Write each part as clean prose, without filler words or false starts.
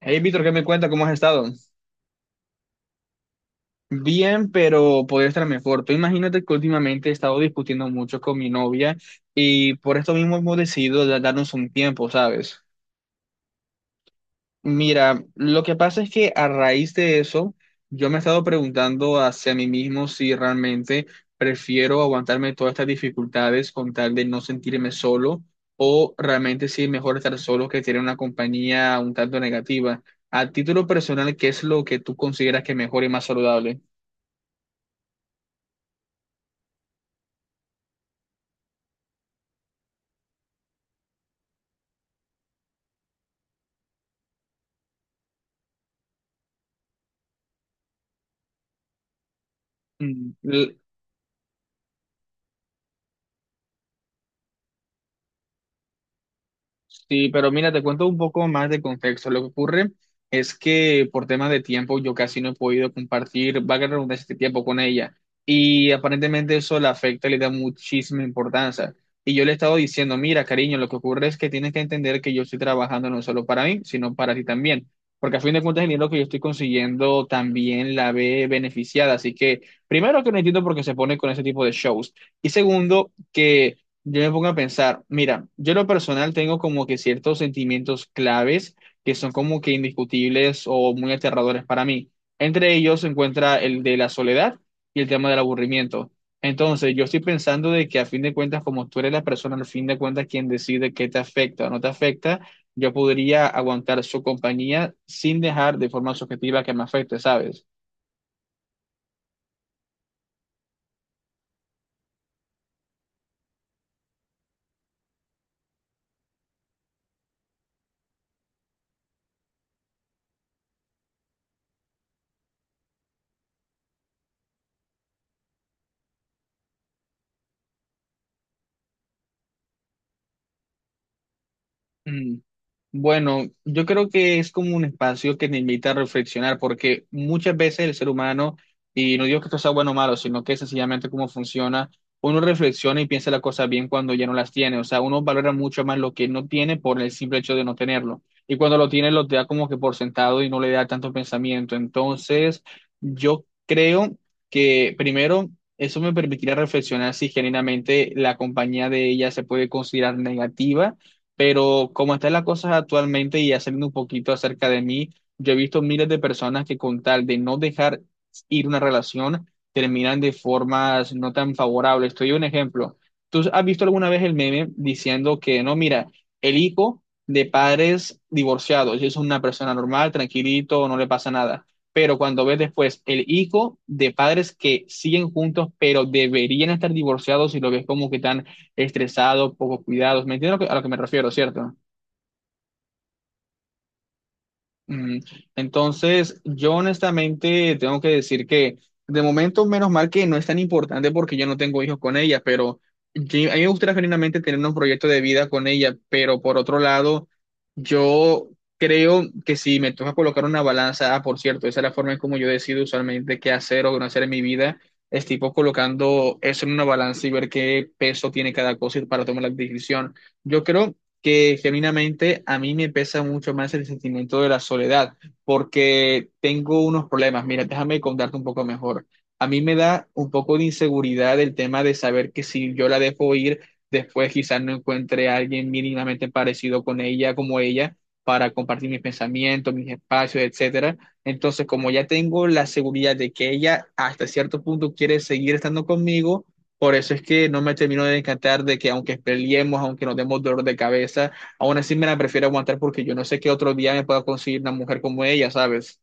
Hey, Víctor, ¿qué me cuenta? ¿Cómo has estado? Bien, pero podría estar mejor. Tú imagínate que últimamente he estado discutiendo mucho con mi novia y por esto mismo hemos decidido darnos un tiempo, ¿sabes? Mira, lo que pasa es que a raíz de eso, yo me he estado preguntando hacia mí mismo si realmente prefiero aguantarme todas estas dificultades con tal de no sentirme solo o realmente si es mejor estar solo que tener una compañía un tanto negativa. A título personal, ¿qué es lo que tú consideras que es mejor y más saludable? Mm. Sí, pero mira, te cuento un poco más de contexto. Lo que ocurre es que por temas de tiempo yo casi no he podido compartir, va a ganar este tiempo con ella. Y aparentemente eso la afecta, le da muchísima importancia. Y yo le he estado diciendo, mira, cariño, lo que ocurre es que tienes que entender que yo estoy trabajando no solo para mí, sino para ti también. Porque a fin de cuentas el dinero que yo estoy consiguiendo también la ve beneficiada. Así que, primero que no entiendo por qué se pone con ese tipo de shows. Y segundo, que... yo me pongo a pensar, mira, yo en lo personal tengo como que ciertos sentimientos claves que son como que indiscutibles o muy aterradores para mí. Entre ellos se encuentra el de la soledad y el tema del aburrimiento. Entonces, yo estoy pensando de que a fin de cuentas, como tú eres la persona, al fin de cuentas, quien decide qué te afecta o no te afecta, yo podría aguantar su compañía sin dejar de forma subjetiva que me afecte, ¿sabes? Bueno, yo creo que es como un espacio que te invita a reflexionar, porque muchas veces el ser humano, y no digo que esto sea bueno o malo, sino que sencillamente cómo funciona, uno reflexiona y piensa las cosas bien cuando ya no las tiene. O sea, uno valora mucho más lo que no tiene por el simple hecho de no tenerlo. Y cuando lo tiene, lo da como que por sentado y no le da tanto pensamiento. Entonces, yo creo que primero, eso me permitirá reflexionar si genuinamente la compañía de ella se puede considerar negativa pero como están las cosas actualmente y ya saliendo un poquito acerca de mí, yo he visto miles de personas que con tal de no dejar ir una relación, terminan de formas no tan favorables. Estoy un ejemplo. ¿Tú has visto alguna vez el meme diciendo que no, mira, el hijo de padres divorciados es una persona normal, tranquilito, no le pasa nada? Pero cuando ves después el hijo de padres que siguen juntos, pero deberían estar divorciados y lo ves como que tan estresado, poco cuidados. ¿Me entiendes a lo que me refiero, cierto? Mm. Entonces, yo honestamente tengo que decir que de momento, menos mal que no es tan importante porque yo no tengo hijos con ella, pero a mí me gustaría genuinamente tener un proyecto de vida con ella, pero por otro lado, yo creo que si me toca colocar una balanza, ah, por cierto, esa es la forma en como yo decido usualmente qué hacer o qué no hacer en mi vida, es tipo colocando eso en una balanza y ver qué peso tiene cada cosa y para tomar la decisión. Yo creo que genuinamente a mí me pesa mucho más el sentimiento de la soledad, porque tengo unos problemas. Mira, déjame contarte un poco mejor. A mí me da un poco de inseguridad el tema de saber que si yo la dejo ir, después quizás no encuentre a alguien mínimamente parecido con ella, como ella, para compartir mis pensamientos, mis espacios, etcétera. Entonces, como ya tengo la seguridad de que ella hasta cierto punto quiere seguir estando conmigo, por eso es que no me termino de encantar de que aunque peleemos, aunque nos demos dolor de cabeza, aún así me la prefiero aguantar porque yo no sé qué otro día me pueda conseguir una mujer como ella, ¿sabes?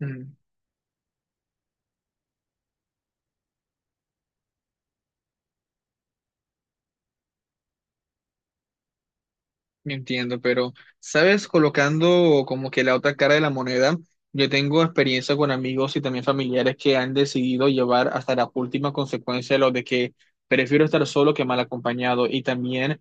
Mm, me entiendo, pero, ¿sabes? Colocando como que la otra cara de la moneda, yo tengo experiencia con amigos y también familiares que han decidido llevar hasta la última consecuencia lo de que prefiero estar solo que mal acompañado y también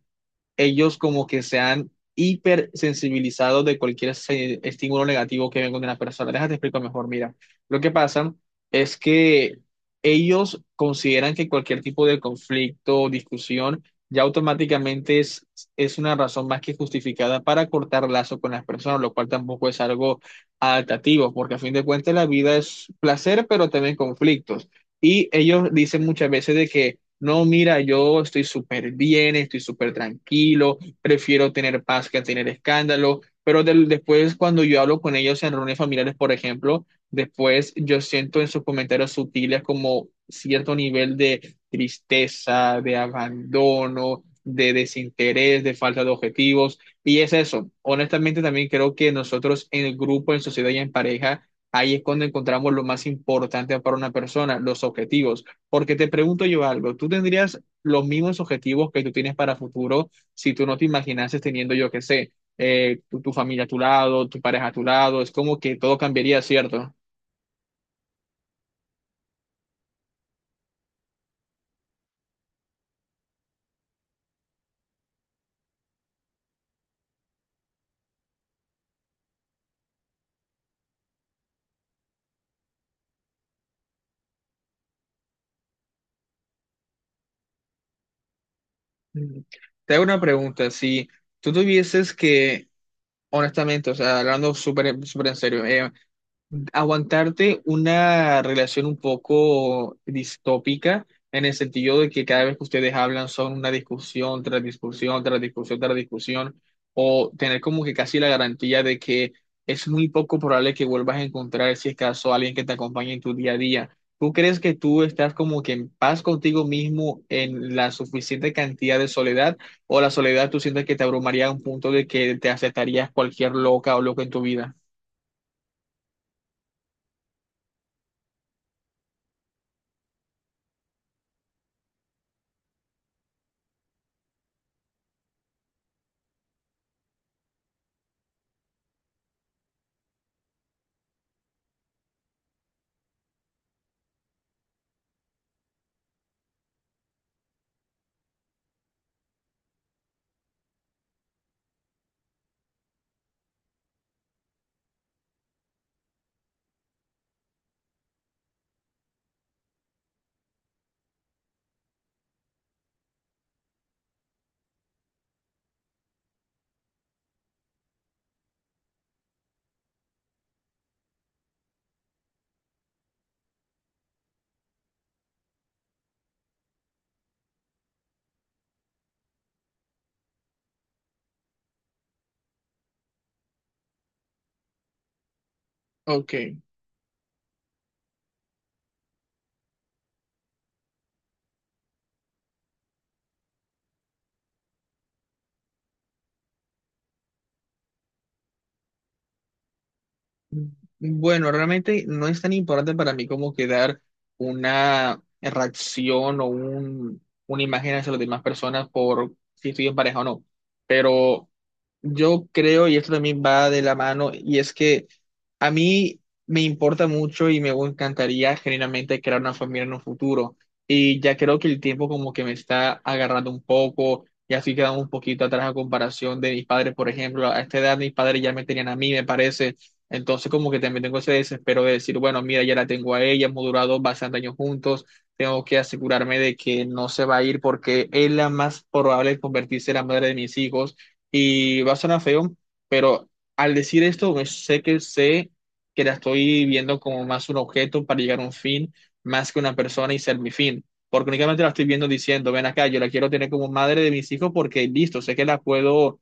ellos como que se han hipersensibilizado de cualquier estímulo negativo que venga de una persona. Déjate explico mejor, mira. Lo que pasa es que ellos consideran que cualquier tipo de conflicto o discusión ya automáticamente es una razón más que justificada para cortar lazo con las personas, lo cual tampoco es algo adaptativo, porque a fin de cuentas la vida es placer, pero también conflictos. Y ellos dicen muchas veces de que no, mira, yo estoy súper bien, estoy súper tranquilo, prefiero tener paz que tener escándalo, pero después cuando yo hablo con ellos en reuniones familiares, por ejemplo, después yo siento en sus comentarios sutiles como cierto nivel de tristeza, de abandono, de desinterés, de falta de objetivos, y es eso. Honestamente, también creo que nosotros en el grupo, en sociedad y en pareja, ahí es cuando encontramos lo más importante para una persona, los objetivos. Porque te pregunto yo algo, ¿tú tendrías los mismos objetivos que tú tienes para futuro si tú no te imaginases teniendo, yo qué sé, tu familia a tu lado, tu pareja a tu lado? Es como que todo cambiaría, ¿cierto? Mm. Te hago una pregunta, si tú tuvieses que, honestamente, o sea, hablando súper súper en serio, aguantarte una relación un poco distópica en el sentido de que cada vez que ustedes hablan son una discusión tras discusión, tras discusión, tras discusión, o tener como que casi la garantía de que es muy poco probable que vuelvas a encontrar, si es caso, a alguien que te acompañe en tu día a día. ¿Tú crees que tú estás como que en paz contigo mismo en la suficiente cantidad de soledad o la soledad tú sientes que te abrumaría a un punto de que te aceptarías cualquier loca o loco en tu vida? Ok. Bueno, realmente no es tan importante para mí como quedar una reacción o un, una imagen hacia las demás personas por si estoy en pareja o no. Pero yo creo, y esto también va de la mano, y es que a mí me importa mucho y me encantaría genuinamente crear una familia en un futuro. Y ya creo que el tiempo como que me está agarrando un poco, y así quedando un poquito atrás a comparación de mis padres, por ejemplo. A esta edad mis padres ya me tenían a mí, me parece. Entonces como que también tengo ese desespero de decir, bueno, mira, ya la tengo a ella, hemos durado bastantes años juntos, tengo que asegurarme de que no se va a ir porque es la más probable de convertirse en la madre de mis hijos y va a sonar feo, pero al decir esto, sé que la estoy viendo como más un objeto para llegar a un fin, más que una persona y ser mi fin. Porque únicamente la estoy viendo diciendo, ven acá, yo la quiero tener como madre de mis hijos porque listo, sé que la puedo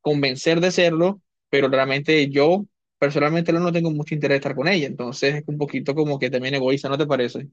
convencer de serlo, pero realmente yo personalmente no tengo mucho interés de estar con ella. Entonces es un poquito como que también egoísta, ¿no te parece?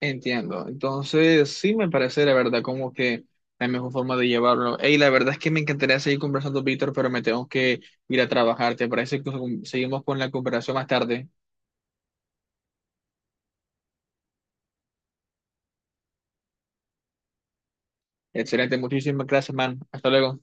Entiendo. Entonces, sí me parece la verdad como que la mejor forma de llevarlo. Y la verdad es que me encantaría seguir conversando, Víctor, pero me tengo que ir a trabajar. ¿Te parece que seguimos con la conversación más tarde? Excelente, muchísimas gracias, man. Hasta luego.